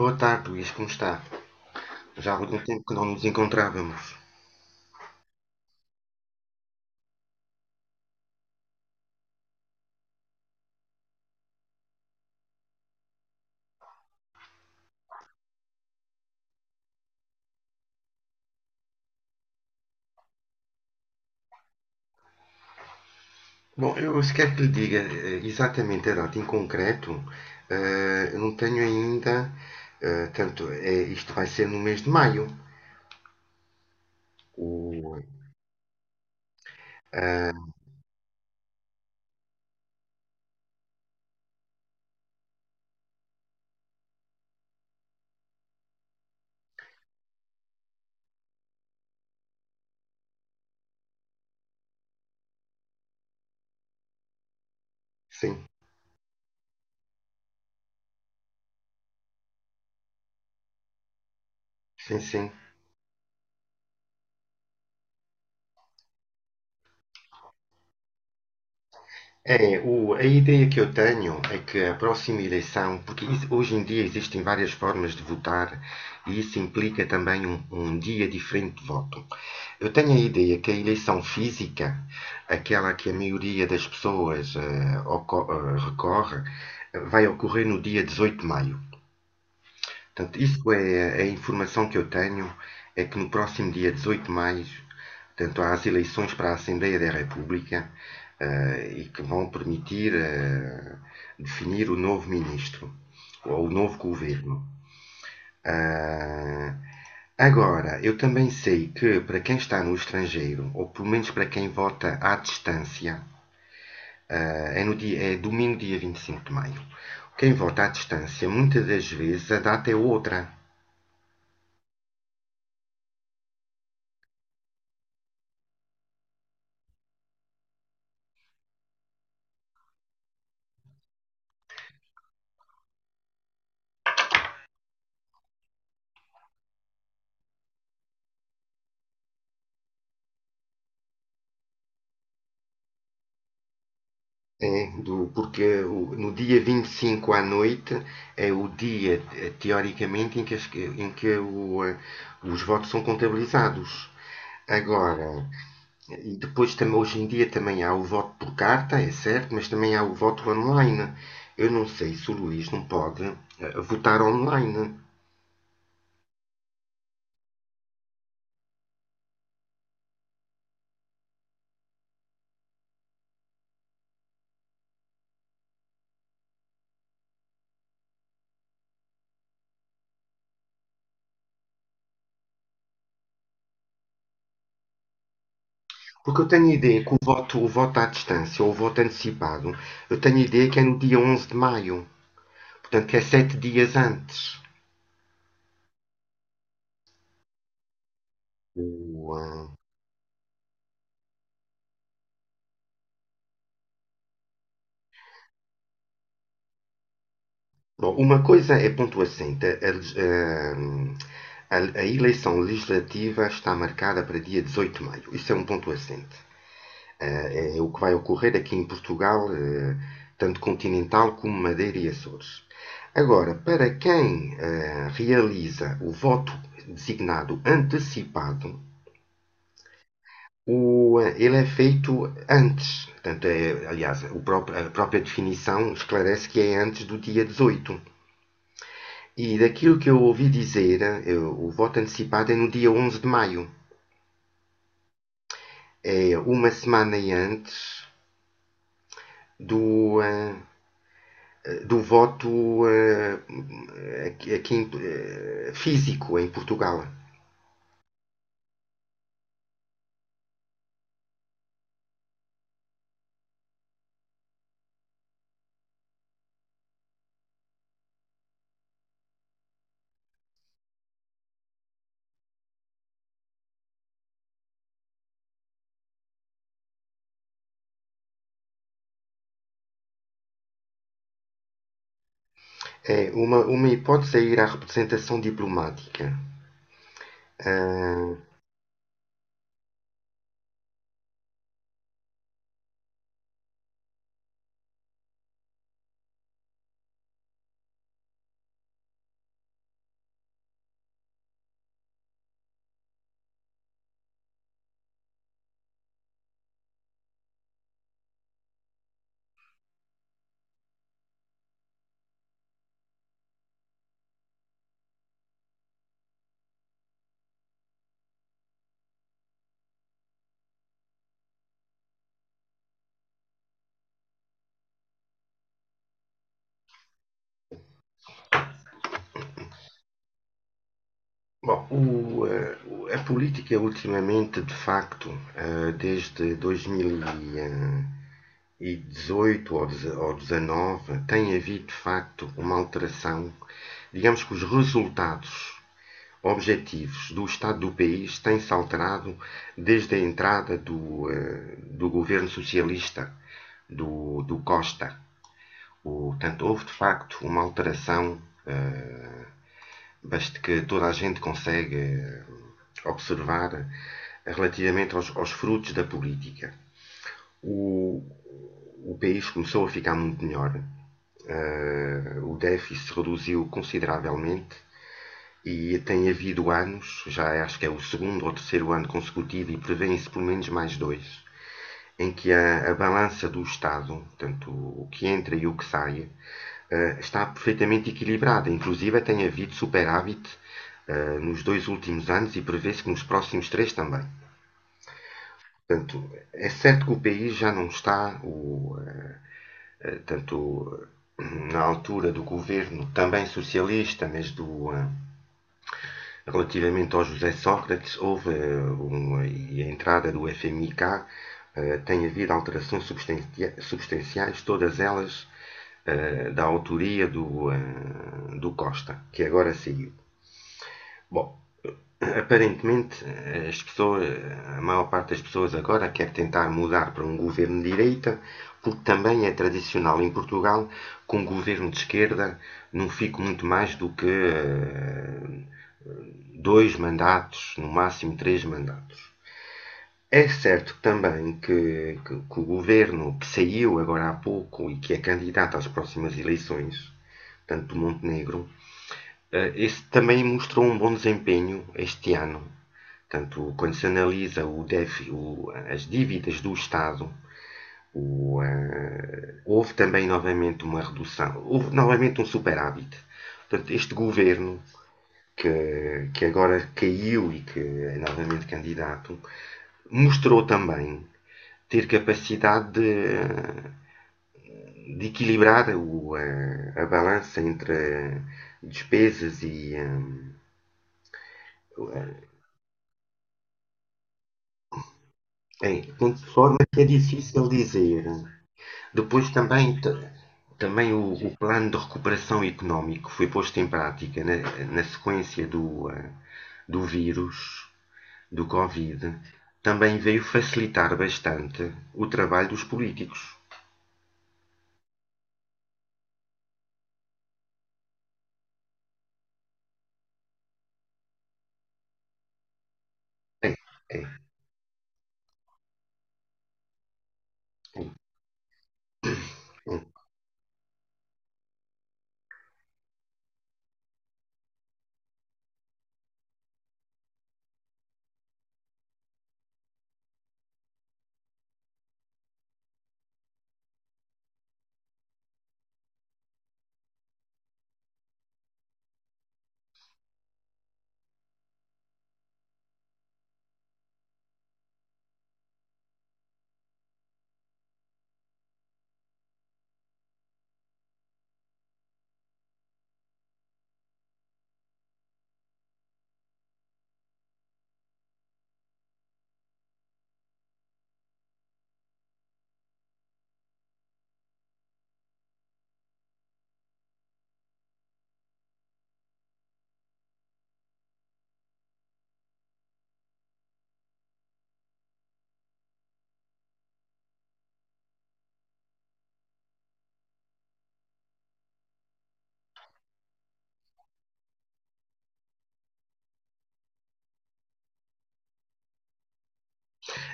Boa tarde, Luís, como está? Já há algum tempo que não nos encontrávamos. Bom, eu se quer que lhe diga exatamente a data em concreto, eu não tenho ainda, tanto, é, isto vai ser no mês de maio. O, ah, sim, sim, sim. É, a ideia que eu tenho é que a próxima eleição, porque hoje em dia existem várias formas de votar e isso implica também um dia diferente de voto. Eu tenho a ideia que a eleição física, aquela que a maioria das pessoas recorre, vai ocorrer no dia 18 de maio. Portanto, isso é a informação que eu tenho, é que no próximo dia 18 de maio, portanto, há as eleições para a Assembleia da República e que vão permitir definir o novo ministro ou o novo governo. Ah, agora, eu também sei que para quem está no estrangeiro, ou pelo menos para quem vota à distância, ah, é, no dia, é domingo, dia 25 de maio. Quem vota à distância, muitas das vezes a data é outra. É, porque no dia 25 à noite é o dia, teoricamente, em que os votos são contabilizados. Agora, e depois também, hoje em dia também há o voto por carta, é certo, mas também há o voto online. Eu não sei se o Luís não pode votar online. Porque eu tenho a ideia que o voto à distância ou o voto antecipado, eu tenho a ideia que é no dia 11 de maio. Portanto, é 7 dias antes. O, ah, Bom, uma coisa é pontuacente. A eleição legislativa está marcada para dia 18 de maio. Isso é um ponto assente. É o que vai ocorrer aqui em Portugal, tanto continental como Madeira e Açores. Agora, para quem realiza o voto designado antecipado, ele é feito antes. Portanto, é, aliás, a própria definição esclarece que é antes do dia 18. E daquilo que eu ouvi dizer, o voto antecipado é no dia 11 de maio. É uma semana antes do, eh, do voto eh, aqui, físico em Portugal. É uma hipótese é ir à representação diplomática. Ah, Bom, a política ultimamente, de facto, desde 2000 e 18 ou 19 tem havido de facto uma alteração. Digamos que os resultados objetivos do estado do país têm-se alterado desde a entrada do governo socialista do Costa. Portanto, houve de facto uma alteração basta que toda a gente consegue observar relativamente aos frutos da política, o, o país começou a ficar muito melhor. O déficit se reduziu consideravelmente e tem havido anos, já acho que é o segundo ou terceiro ano consecutivo e prevêem-se pelo menos mais dois, em que a balança do Estado, portanto o que entra e o que sai, está perfeitamente equilibrada. Inclusive tem havido superávit nos dois últimos anos e prevê-se que nos próximos três também. Portanto, é certo que o país já não está, tanto na altura do governo também socialista, mas relativamente ao José Sócrates, houve uma, e a entrada do FMIK tem havido alterações substanciais, todas elas da autoria do Costa, que agora saiu. Bom, aparentemente, as pessoas, a maior parte das pessoas agora quer tentar mudar para um governo de direita, porque também é tradicional em Portugal que um governo de esquerda não fique muito mais do que dois mandatos, no máximo três mandatos. É certo também que o governo que saiu agora há pouco e que é candidato às próximas eleições, tanto do Montenegro, esse também mostrou um bom desempenho este ano. Portanto, quando se analisa as dívidas do Estado, houve também novamente uma redução, houve novamente um superávit. Portanto, este governo, que agora caiu e que é novamente candidato, mostrou também ter capacidade de equilibrar a balança entre despesas e, é, tem forma que é difícil dizer. Depois também o plano de recuperação económico foi posto em prática na sequência do vírus, do Covid, também veio facilitar bastante o trabalho dos políticos. É, é, é, é.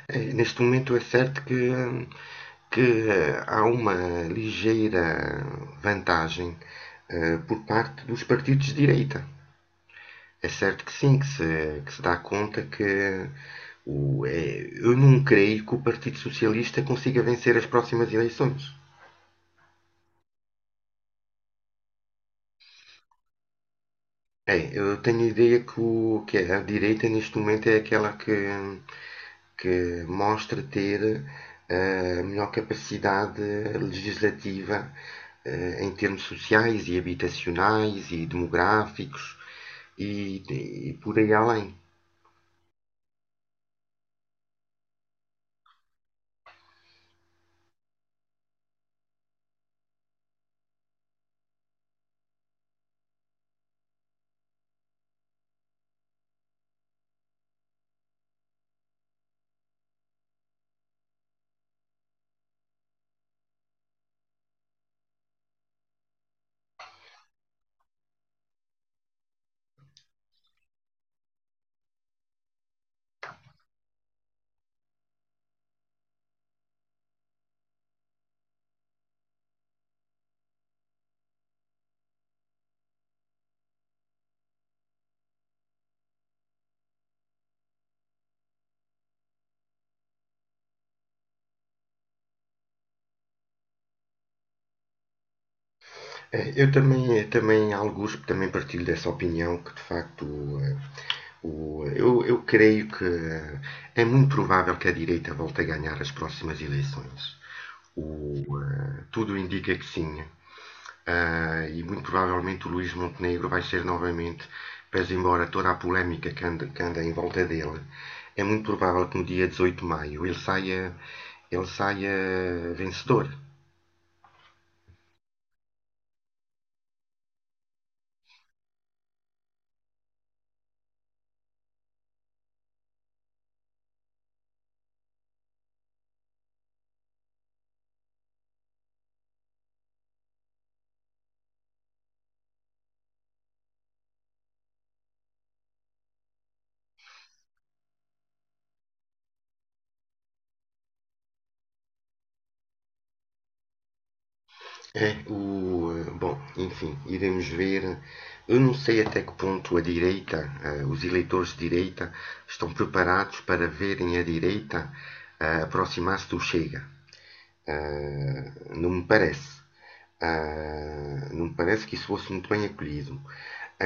É, neste momento é certo que há uma ligeira vantagem por parte dos partidos de direita. É certo que sim, que se dá conta que é, eu não creio que o Partido Socialista consiga vencer as próximas eleições. É, eu tenho a ideia que a direita neste momento é aquela que mostra ter a melhor capacidade legislativa em termos sociais e habitacionais e demográficos e, e por aí além. É, Eu também alguns também partilho dessa opinião que de facto eh, eu creio que é muito provável que a direita volte a ganhar as próximas eleições. Tudo indica que sim. E muito provavelmente o Luís Montenegro vai ser novamente, pese embora toda a polémica que anda em volta dele, é muito provável que no dia 18 de maio ele saia vencedor. É, bom, enfim, iremos ver. Eu não sei até que ponto os eleitores de direita, estão preparados para verem a direita aproximar-se do Chega. Eh, não me parece. Não me parece que isso fosse muito bem acolhido.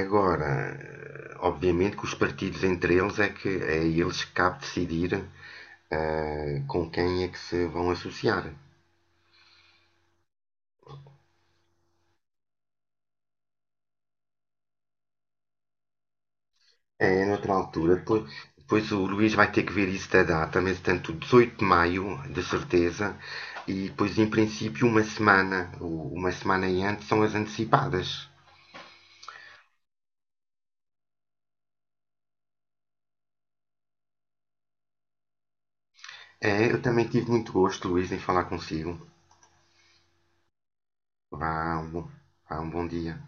Agora, obviamente que os partidos entre eles é que é eles que cabe decidir com quem é que se vão associar. É, noutra altura. Depois o Luís vai ter que ver isso da data, mas tanto 18 de maio, de certeza, e depois, em princípio, uma semana, ou uma semana e antes, são as antecipadas. É, eu também tive muito gosto, Luís, em falar consigo. Vá, um bom dia.